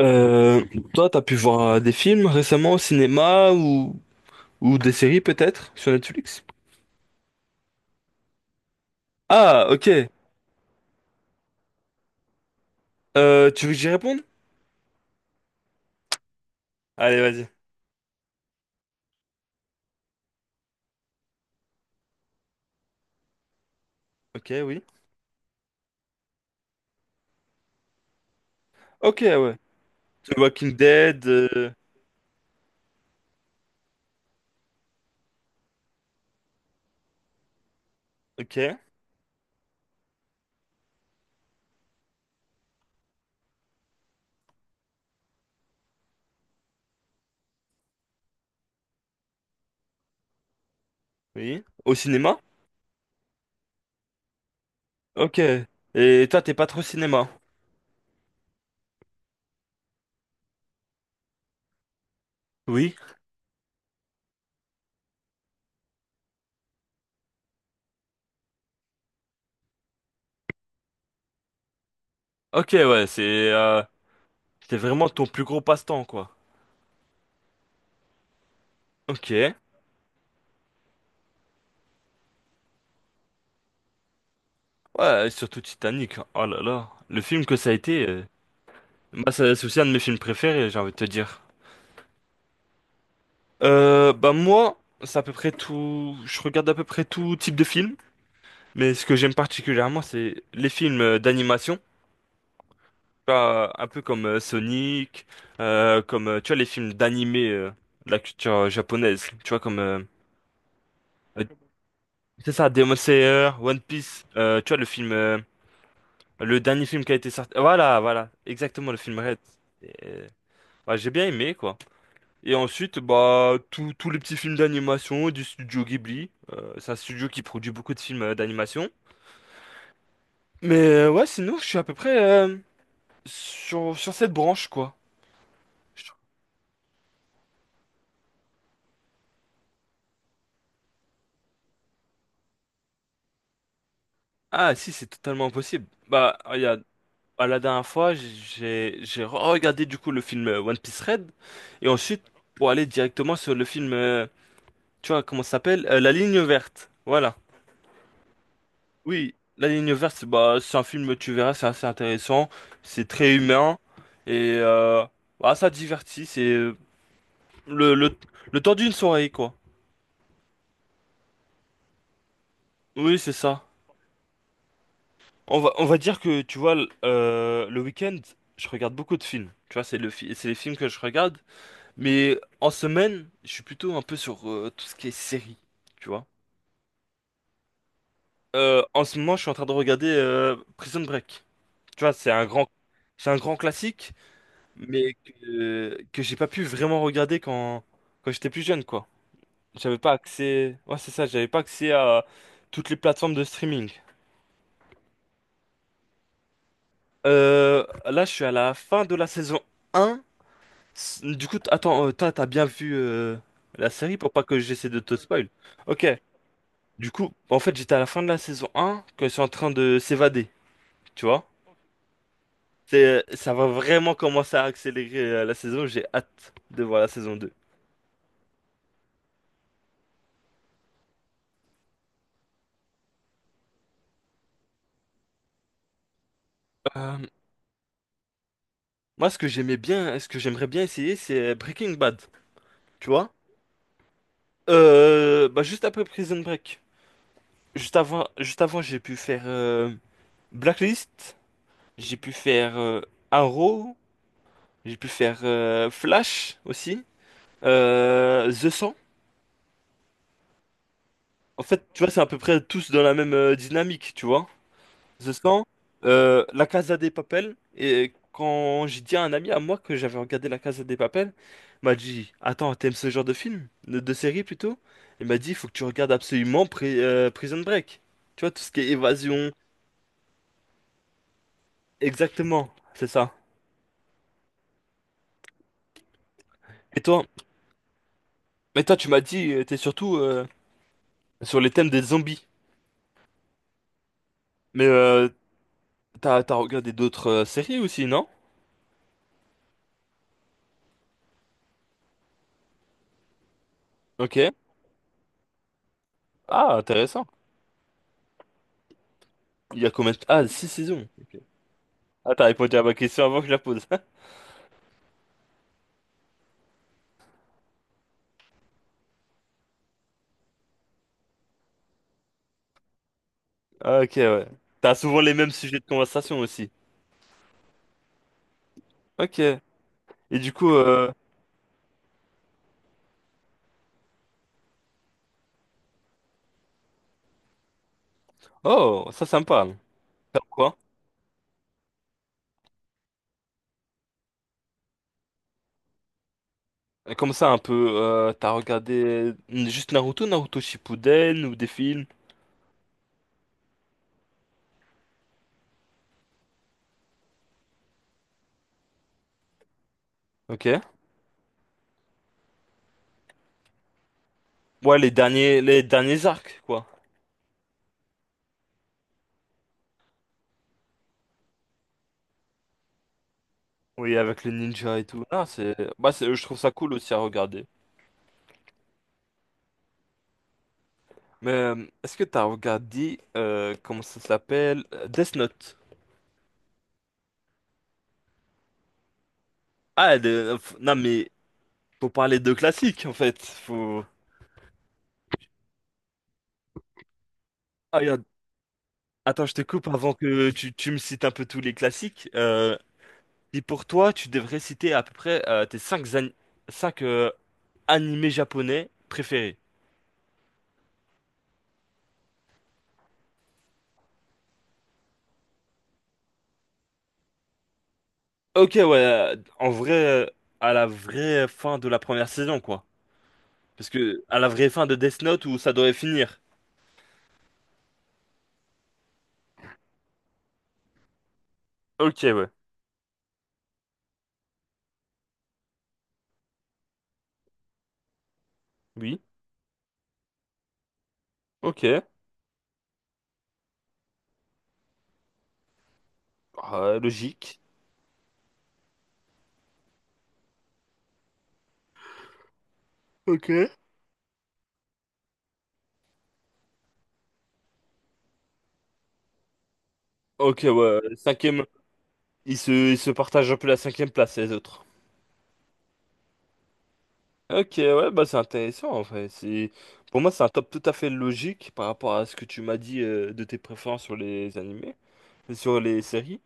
Euh, Toi, t'as pu voir des films récemment au cinéma ou des séries peut-être sur Netflix? Ah, ok. Tu veux que j'y réponde? Allez, vas-y. Ok, oui. Ok, ouais. The Walking Dead. Ok, oui. Au cinéma? Ok. Et toi, t'es pas trop cinéma? Oui. Ok, ouais, euh, c'était vraiment ton plus gros passe-temps, quoi. Ok. Ouais, et surtout Titanic. Oh là là. Le film que ça a été, bah, c'est aussi un de mes films préférés, j'ai envie de te dire. Bah moi, c'est à peu près tout. Je regarde à peu près tout type de film, mais ce que j'aime particulièrement, c'est les films d'animation. Tu vois, un peu comme Sonic, comme tu vois les films d'animé de la culture japonaise. Tu vois comme euh, c'est ça, Demon Slayer, One Piece. Tu vois le film, le dernier film qui a été sorti. Voilà, voilà, exactement le film Red. Et, ouais, j'ai bien aimé quoi. Et ensuite, bah, tous les petits films d'animation du studio Ghibli. C'est un studio qui produit beaucoup de films d'animation. Mais ouais, sinon, je suis à peu près sur cette branche, quoi. Je trouve- Ah, si, c'est totalement impossible. Bah, regarde, à la dernière fois, j'ai regardé du coup le film One Piece Red. Et ensuite, pour aller directement sur le film, tu vois, comment ça s'appelle? La Ligne verte. Voilà. Oui, La Ligne verte, bah, c'est un film, tu verras, c'est assez intéressant, c'est très humain et bah, ça divertit, c'est le, le, le temps d'une soirée, quoi. Oui, c'est ça. On va dire que, tu vois, le week-end, je regarde beaucoup de films. Tu vois, c'est les films que je regarde. Mais en semaine, je suis plutôt un peu sur tout ce qui est série, tu vois. En ce moment, je suis en train de regarder Prison Break. Tu vois, c'est un grand classique, mais que j'ai pas pu vraiment regarder quand j'étais plus jeune, quoi. J'avais pas accès. Ouais, c'est ça, j'avais pas accès à toutes les plateformes de streaming. Là, je suis à la fin de la saison 1. Du coup, attends, toi, t'as bien vu la série pour pas que j'essaie de te spoil. Ok, du coup, en fait, j'étais à la fin de la saison 1 quand ils sont en train de s'évader, tu vois? Ça va vraiment commencer à accélérer la saison, j'ai hâte de voir la saison 2. Moi, ce que j'aimais bien, ce que j'aimerais bien essayer, c'est Breaking Bad, tu vois? Bah, juste après Prison Break. Juste avant, j'ai pu faire Blacklist, j'ai pu faire Arrow, j'ai pu faire Flash aussi, The 100. En fait, tu vois, c'est à peu près tous dans la même dynamique, tu vois? Je sens La Casa des Papel. Et quand j'ai dit à un ami à moi que j'avais regardé La Casa des Papel, il m'a dit, attends, t'aimes ce genre de film? De série plutôt? Il m'a dit, il faut que tu regardes absolument Prison Break. Tu vois, tout ce qui est évasion. Exactement, c'est ça. Et toi, mais toi, tu m'as dit, t'es surtout sur les thèmes des zombies. Mais t'as regardé d'autres séries aussi, non? Ok. Ah, intéressant. Il y a combien de. Ah, six saisons. Ok. Ah, t'as répondu à ma question avant que je la pose. Ah, ok, ouais. T'as souvent les mêmes sujets de conversation aussi. Ok. Et du coup. Oh, ça me parle. Faire quoi? Et comme ça, un peu, t'as regardé juste Naruto, Naruto Shippuden ou des films? Ok. Ouais, les derniers arcs, quoi. Oui, avec les ninjas et tout. Non, bah, je trouve ça cool aussi à regarder. Mais est-ce que t'as regardé, comment ça s'appelle? Death Note. Ah, non, mais faut parler de classique en fait. Faut. Attends, je te coupe avant que tu me cites un peu tous les classiques. Et pour toi, tu devrais citer à peu près tes cinq an- cinq, animés japonais préférés. Ok, ouais, en vrai, à la vraie fin de la première saison, quoi. Parce que, à la vraie fin de Death Note où ça devrait finir. Ok, ouais. Oui. Ok. Ah, logique. Ok. Ok, ouais. Cinquième. Ils se partagent un peu la cinquième place, les autres. Ok, ouais, bah c'est intéressant en fait. C'est Pour moi c'est un top tout à fait logique par rapport à ce que tu m'as dit de tes préférences sur les animés, sur les séries.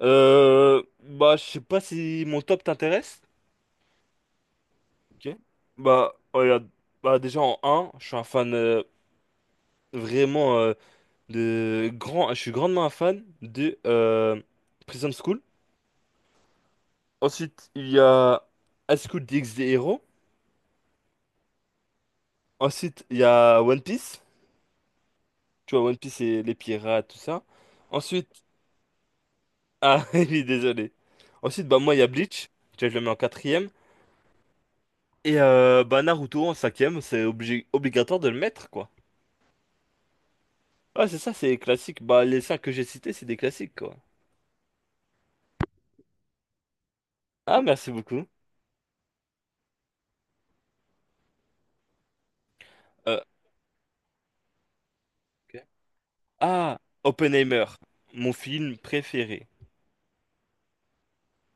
Bah je sais pas si mon top t'intéresse. Ok. Bah oh, regarde, bah déjà en un je suis un fan vraiment je suis grandement un fan de Prison School. Ensuite il y a High School DxD Hero. Ensuite il y a One Piece. Tu vois One Piece et les pirates tout ça. Ensuite. Ah, oui, désolé. Ensuite, bah moi, il y a Bleach. Tu vois, je le mets en quatrième. Et bah Naruto en cinquième, c'est obligatoire de le mettre, quoi. Ah, c'est ça, c'est classique. Bah, les cinq que j'ai cités, c'est des classiques, quoi. Ah, merci beaucoup. Euh, ok. Ah, Oppenheimer, mon film préféré.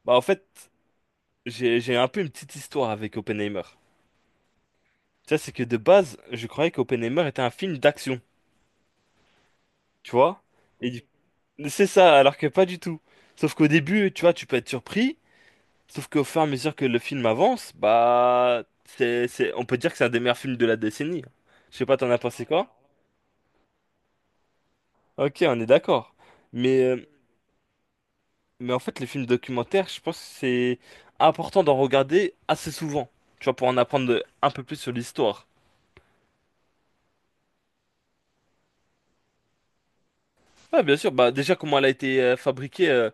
Bah, en fait, j'ai un peu une petite histoire avec Oppenheimer. Tu sais, c'est que de base, je croyais qu'Oppenheimer était un film d'action, tu vois? Et du- c'est ça, alors que pas du tout. Sauf qu'au début, tu vois, tu peux être surpris. Sauf qu'au fur et à mesure que le film avance, bah, on peut dire que c'est un des meilleurs films de la décennie. Je sais pas, t'en as pensé quoi? Ok, on est d'accord. Mais, euh, mais en fait, les films documentaires, je pense que c'est important d'en regarder assez souvent. Tu vois, pour en apprendre un peu plus sur l'histoire. Ouais, bien sûr. Bah, déjà, comment elle a été fabriquée, euh,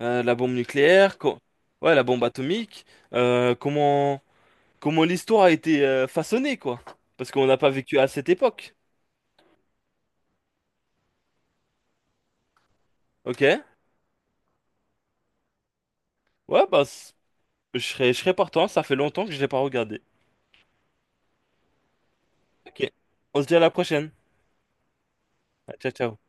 euh, la bombe nucléaire, ouais, la bombe atomique, euh, comment, comment l'histoire a été façonnée, quoi. Parce qu'on n'a pas vécu à cette époque. Ok? Ouais, bah. Je serais partant, ça fait longtemps que je l'ai pas regardé. Ok. On se dit à la prochaine. Ciao, ciao.